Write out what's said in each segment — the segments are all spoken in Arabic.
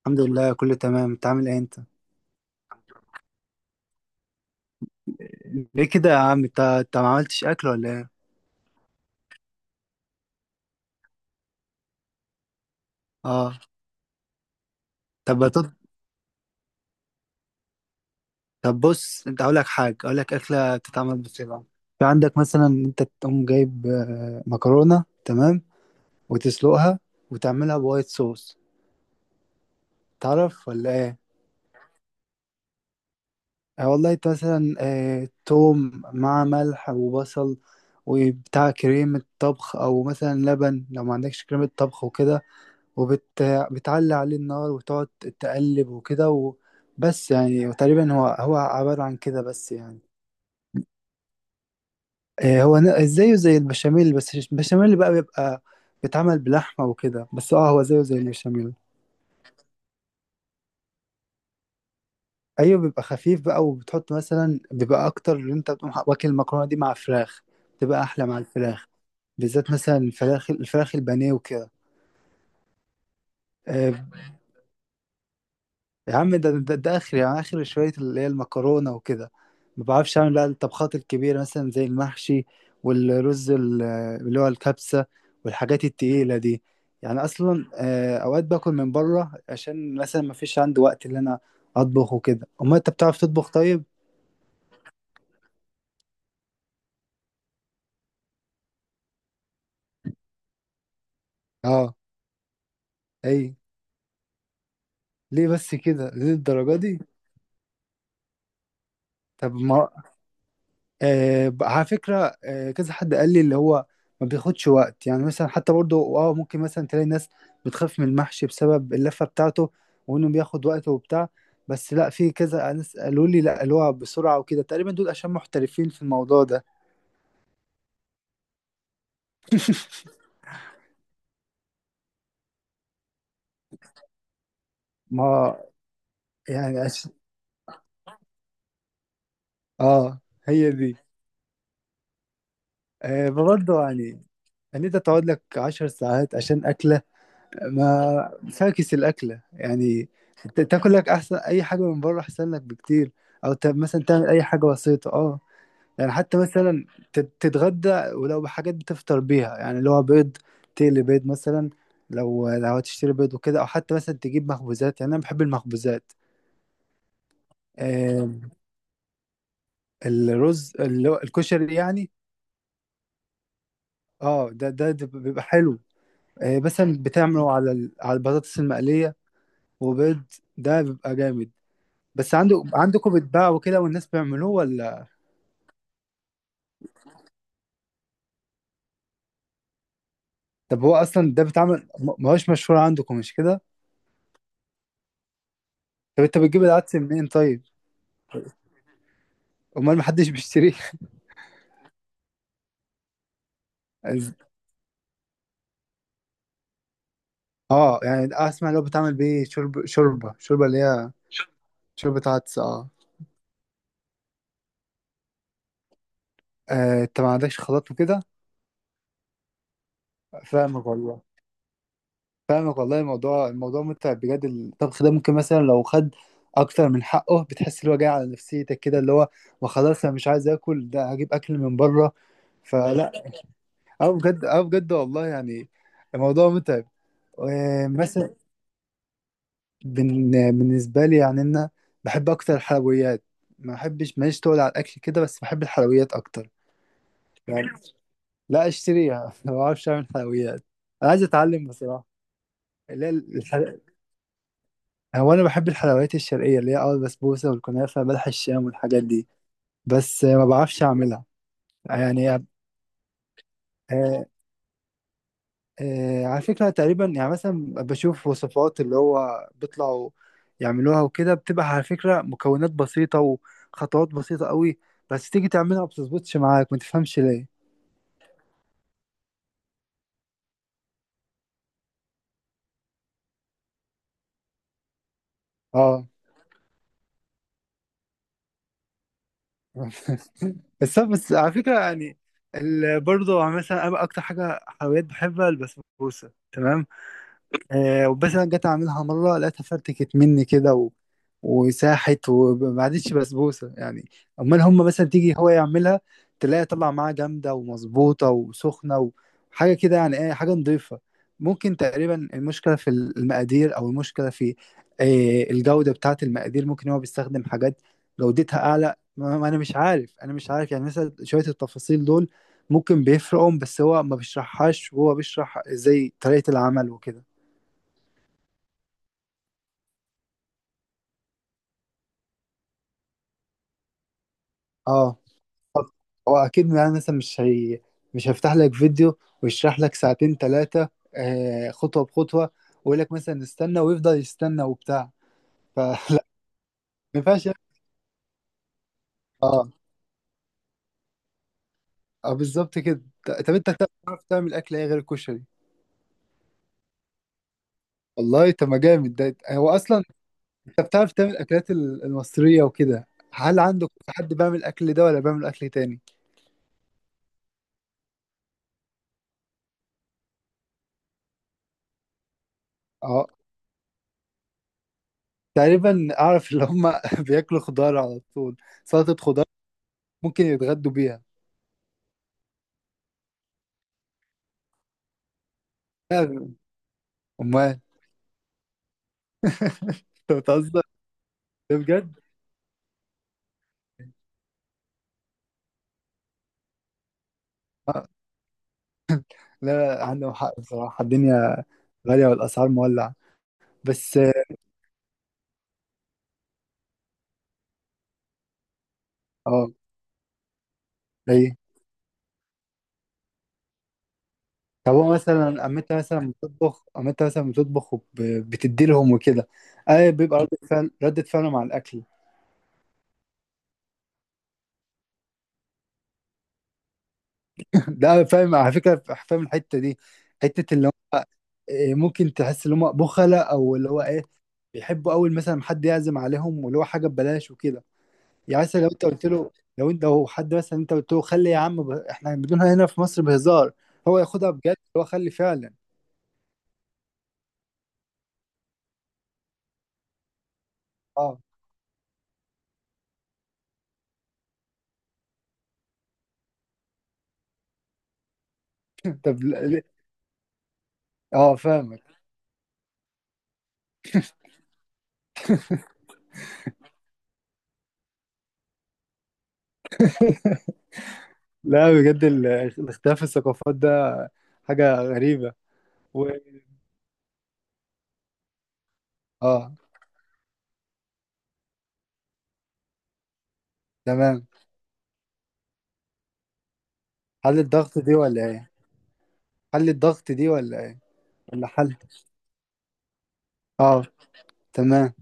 الحمد لله، كله تمام. انت عامل ايه انت؟ ليه كده يا عم؟ انت ما عملتش اكل ولا ايه؟ اه. طب بطل... طب بص، انت اقول لك حاجه، اقول لك اكله بتتعمل بسرعه. في عندك مثلا إن انت تقوم جايب مكرونه، تمام؟ وتسلقها وتعملها بوايت صوص. تعرف ولا ايه؟ آه والله، انت مثلا توم مع ملح وبصل وبتاع، كريمه طبخ او مثلا لبن لو ما عندكش كريمه طبخ وكده، وبتعلي عليه النار وتقعد تقلب وكده بس يعني تقريبا هو عبارة عن كده، بس يعني. زيه زي البشاميل، بس البشاميل بقى بيبقى بيتعمل بلحمة وكده، بس هو زيه زي البشاميل. ايوه، بيبقى خفيف بقى، وبتحط مثلا بيبقى اكتر، اللي انت بتقوم واكل المكرونة دي مع فراخ بتبقى احلى مع الفراخ. بالذات مثلا الفراخ البانيه وكده. آه، يا عم، ده اخر، يعني اخر شويه، اللي هي المكرونه وكده. ما بعرفش اعمل بقى الطبخات الكبيره، مثلا زي المحشي والرز اللي هو الكبسه والحاجات التقيله دي. يعني اصلا اوقات باكل من بره عشان مثلا ما فيش عندي وقت اللي انا اطبخ وكده. امال انت بتعرف تطبخ طيب؟ اه. اي. ليه بس كده؟ ليه الدرجه دي؟ طب ما آه ب- على فكرة، كذا حد قال لي اللي هو ما بياخدش وقت، يعني مثلا حتى برضو اه ممكن مثلا تلاقي ناس بتخاف من المحشي بسبب اللفة بتاعته، وانه بياخد وقت وبتاع. بس لا، في كذا ناس قالوا لي لا، اللي هو بسرعة وكده، تقريبا دول عشان محترفين في الموضوع ده. ما يعني اه. هي دي. برضو يعني، ان انت تقعد لك 10 ساعات عشان اكلة؟ ما فاكس الأكلة يعني. تاكل لك أحسن، أي حاجة من بره أحسن لك بكتير، أو مثلا تعمل أي حاجة بسيطة. يعني حتى مثلا تتغدى ولو بحاجات بتفطر بيها، يعني اللي هو بيض، تقلي بيض مثلا. لو لو هتشتري بيض وكده، أو حتى مثلا تجيب مخبوزات. يعني أنا بحب المخبوزات. آه الرز اللي هو الكشري يعني. أه، ده بيبقى حلو. مثلا بتعمله على على البطاطس المقلية وبيض، ده بيبقى جامد. بس عنده عندكم بيتباع وكده والناس بيعملوه ولا؟ طب هو اصلا ده بيتعمل، ما هوش مشهور عندكم، مش كده؟ طب انت بتجيب العدس منين طيب؟ امال محدش بيشتريه؟ إز- اه، يعني اسمع، اللي هو بتعمل بيه شرب، شوربه اللي هي شوربه عدس، اه. انت ما عندكش خلاط وكده. فاهمك والله، فاهمك والله. الموضوع متعب بجد، الطبخ ده. ممكن مثلا لو خد اكتر من حقه، بتحس اللي هو جاي على نفسيتك كده، اللي هو وخلاص، انا مش عايز اكل ده، هجيب اكل من بره. فلا، اه بجد، اه بجد والله، يعني الموضوع متعب. ومثلا، بالنسبة لي يعني، أنا بحب أكتر الحلويات. ما بحبش، ماليش تقول على الأكل كده، بس بحب الحلويات أكتر. يعني لا، أشتريها. ما بعرفش أعمل حلويات. أنا عايز أتعلم بصراحة. اللي هي الحل... هو أنا بحب الحلويات الشرقية، اللي هي البسبوسة والكنافة بلح الشام والحاجات دي، بس ما بعرفش أعملها. يعني آه، على فكرة، تقريبا يعني، مثلا بشوف وصفات اللي هو بيطلعوا يعملوها وكده، بتبقى على فكرة مكونات بسيطة، وخطوات بسيطة قوي. بس تيجي تعملها ما بتظبطش معاك، ما تفهمش ليه. اه. بس على فكرة يعني، برضه مثلا أنا أكتر حاجة حلويات بحبها البسبوسة، تمام؟ وبس انا جيت اعملها مره، لقيتها فرتكت مني كده وساحت، وما عادتش بسبوسه يعني. امال هم مثلا تيجي هو يعملها، تلاقي طلع معاها جامده ومظبوطه وسخنه وحاجه كده. يعني ايه؟ حاجه نضيفه. ممكن تقريبا المشكله في المقادير، او المشكله في الجوده بتاعه المقادير، ممكن هو بيستخدم حاجات جودتها اعلى، ما انا مش عارف يعني، مثلا شويه التفاصيل دول ممكن بيفرقهم، بس هو ما بيشرحهاش، وهو بيشرح زي طريقه العمل وكده. اه، هو اكيد يعني، مثلا مش هيفتح لك فيديو ويشرح لك ساعتين ثلاثه، خطوه بخطوه، ويقول لك مثلا استنى، ويفضل يستنى وبتاع. فلا. ما ينفعش يعني. اه. اه بالظبط كده. طب انت بتعرف تعمل اكل ايه غير الكشري؟ والله طب، ما جامد ده هو اصلا. انت بتعرف تعمل الاكلات المصريه وكده. هل عندك حد بيعمل الاكل ده ولا بيعمل اكل تاني؟ اه. تقريبا اعرف اللي هم بياكلوا خضار على طول، سلطه خضار، ممكن يتغدوا بيها. امال؟ انت بتهزر؟ ده بجد. آه، لا عندهم حق بصراحه، الدنيا غاليه والاسعار مولعه. بس. اه، ايه، طب هو مثلا اما انت مثلا بتطبخ وبتدي لهم وكده. اه، بيبقى ردة فعلهم على الاكل. ده فاهم على فكره، فاهم الحته دي، حته اللي هم إيه، ممكن تحس ان هم بخلة، او اللي هو ايه، بيحبوا اول مثلا حد يعزم عليهم، واللي هو حاجه ببلاش وكده. يعني مثلا لو حد مثلا انت قلت له خلي يا عم احنا بنقولها هنا في مصر بهزار، هو ياخدها بجد، هو خلي فعلا. اه. طب اه فاهمك. لا بجد، الاختلاف في الثقافات ده حاجة غريبة. و... اه، تمام. حل الضغط دي ولا ايه؟ حل الضغط دي ولا ايه؟ ولا حل. اه، تمام.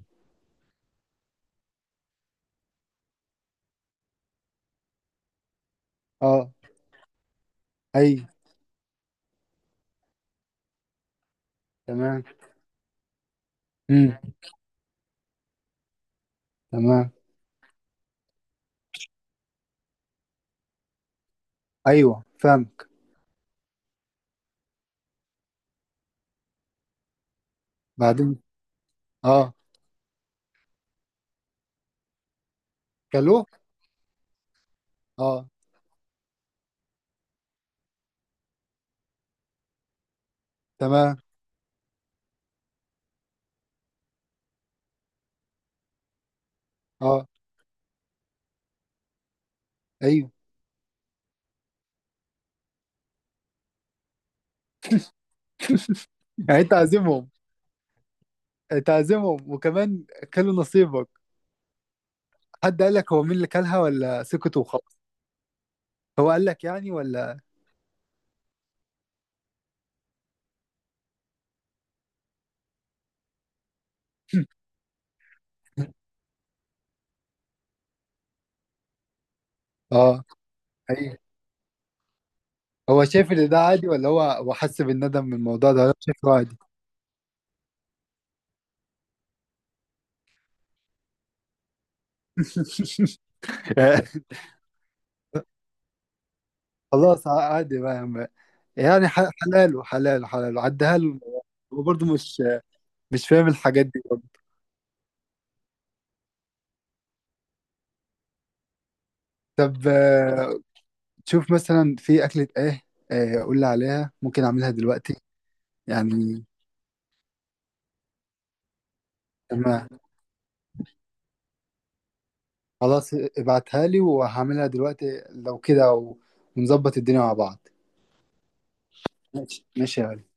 اه، اي، تمام، امم، تمام. ايوه، فاهمك. بعدين. اه. كلو. اه، تمام. اه، ايوه، يعني انت عازمهم، تعزمهم، وكمان كلوا نصيبك. حد قال لك هو مين اللي كلها، ولا سكت وخلاص؟ هو قال لك يعني ولا؟ اه. ايوه. هو شايف ان ده عادي، ولا هو حس بالندم من الموضوع ده ولا شايفه عادي؟ خلاص عادي بقى يا عم. يعني حلاله حلاله حلاله، عدها له. هو برضه مش فاهم الحاجات دي برضه. طب تشوف مثلا في أكلة إيه، قول لي عليها، ممكن أعملها دلوقتي. يعني تمام. خلاص ابعتها لي، وهعملها دلوقتي لو كده ونظبط الدنيا مع بعض. ماشي ماشي يا غالي.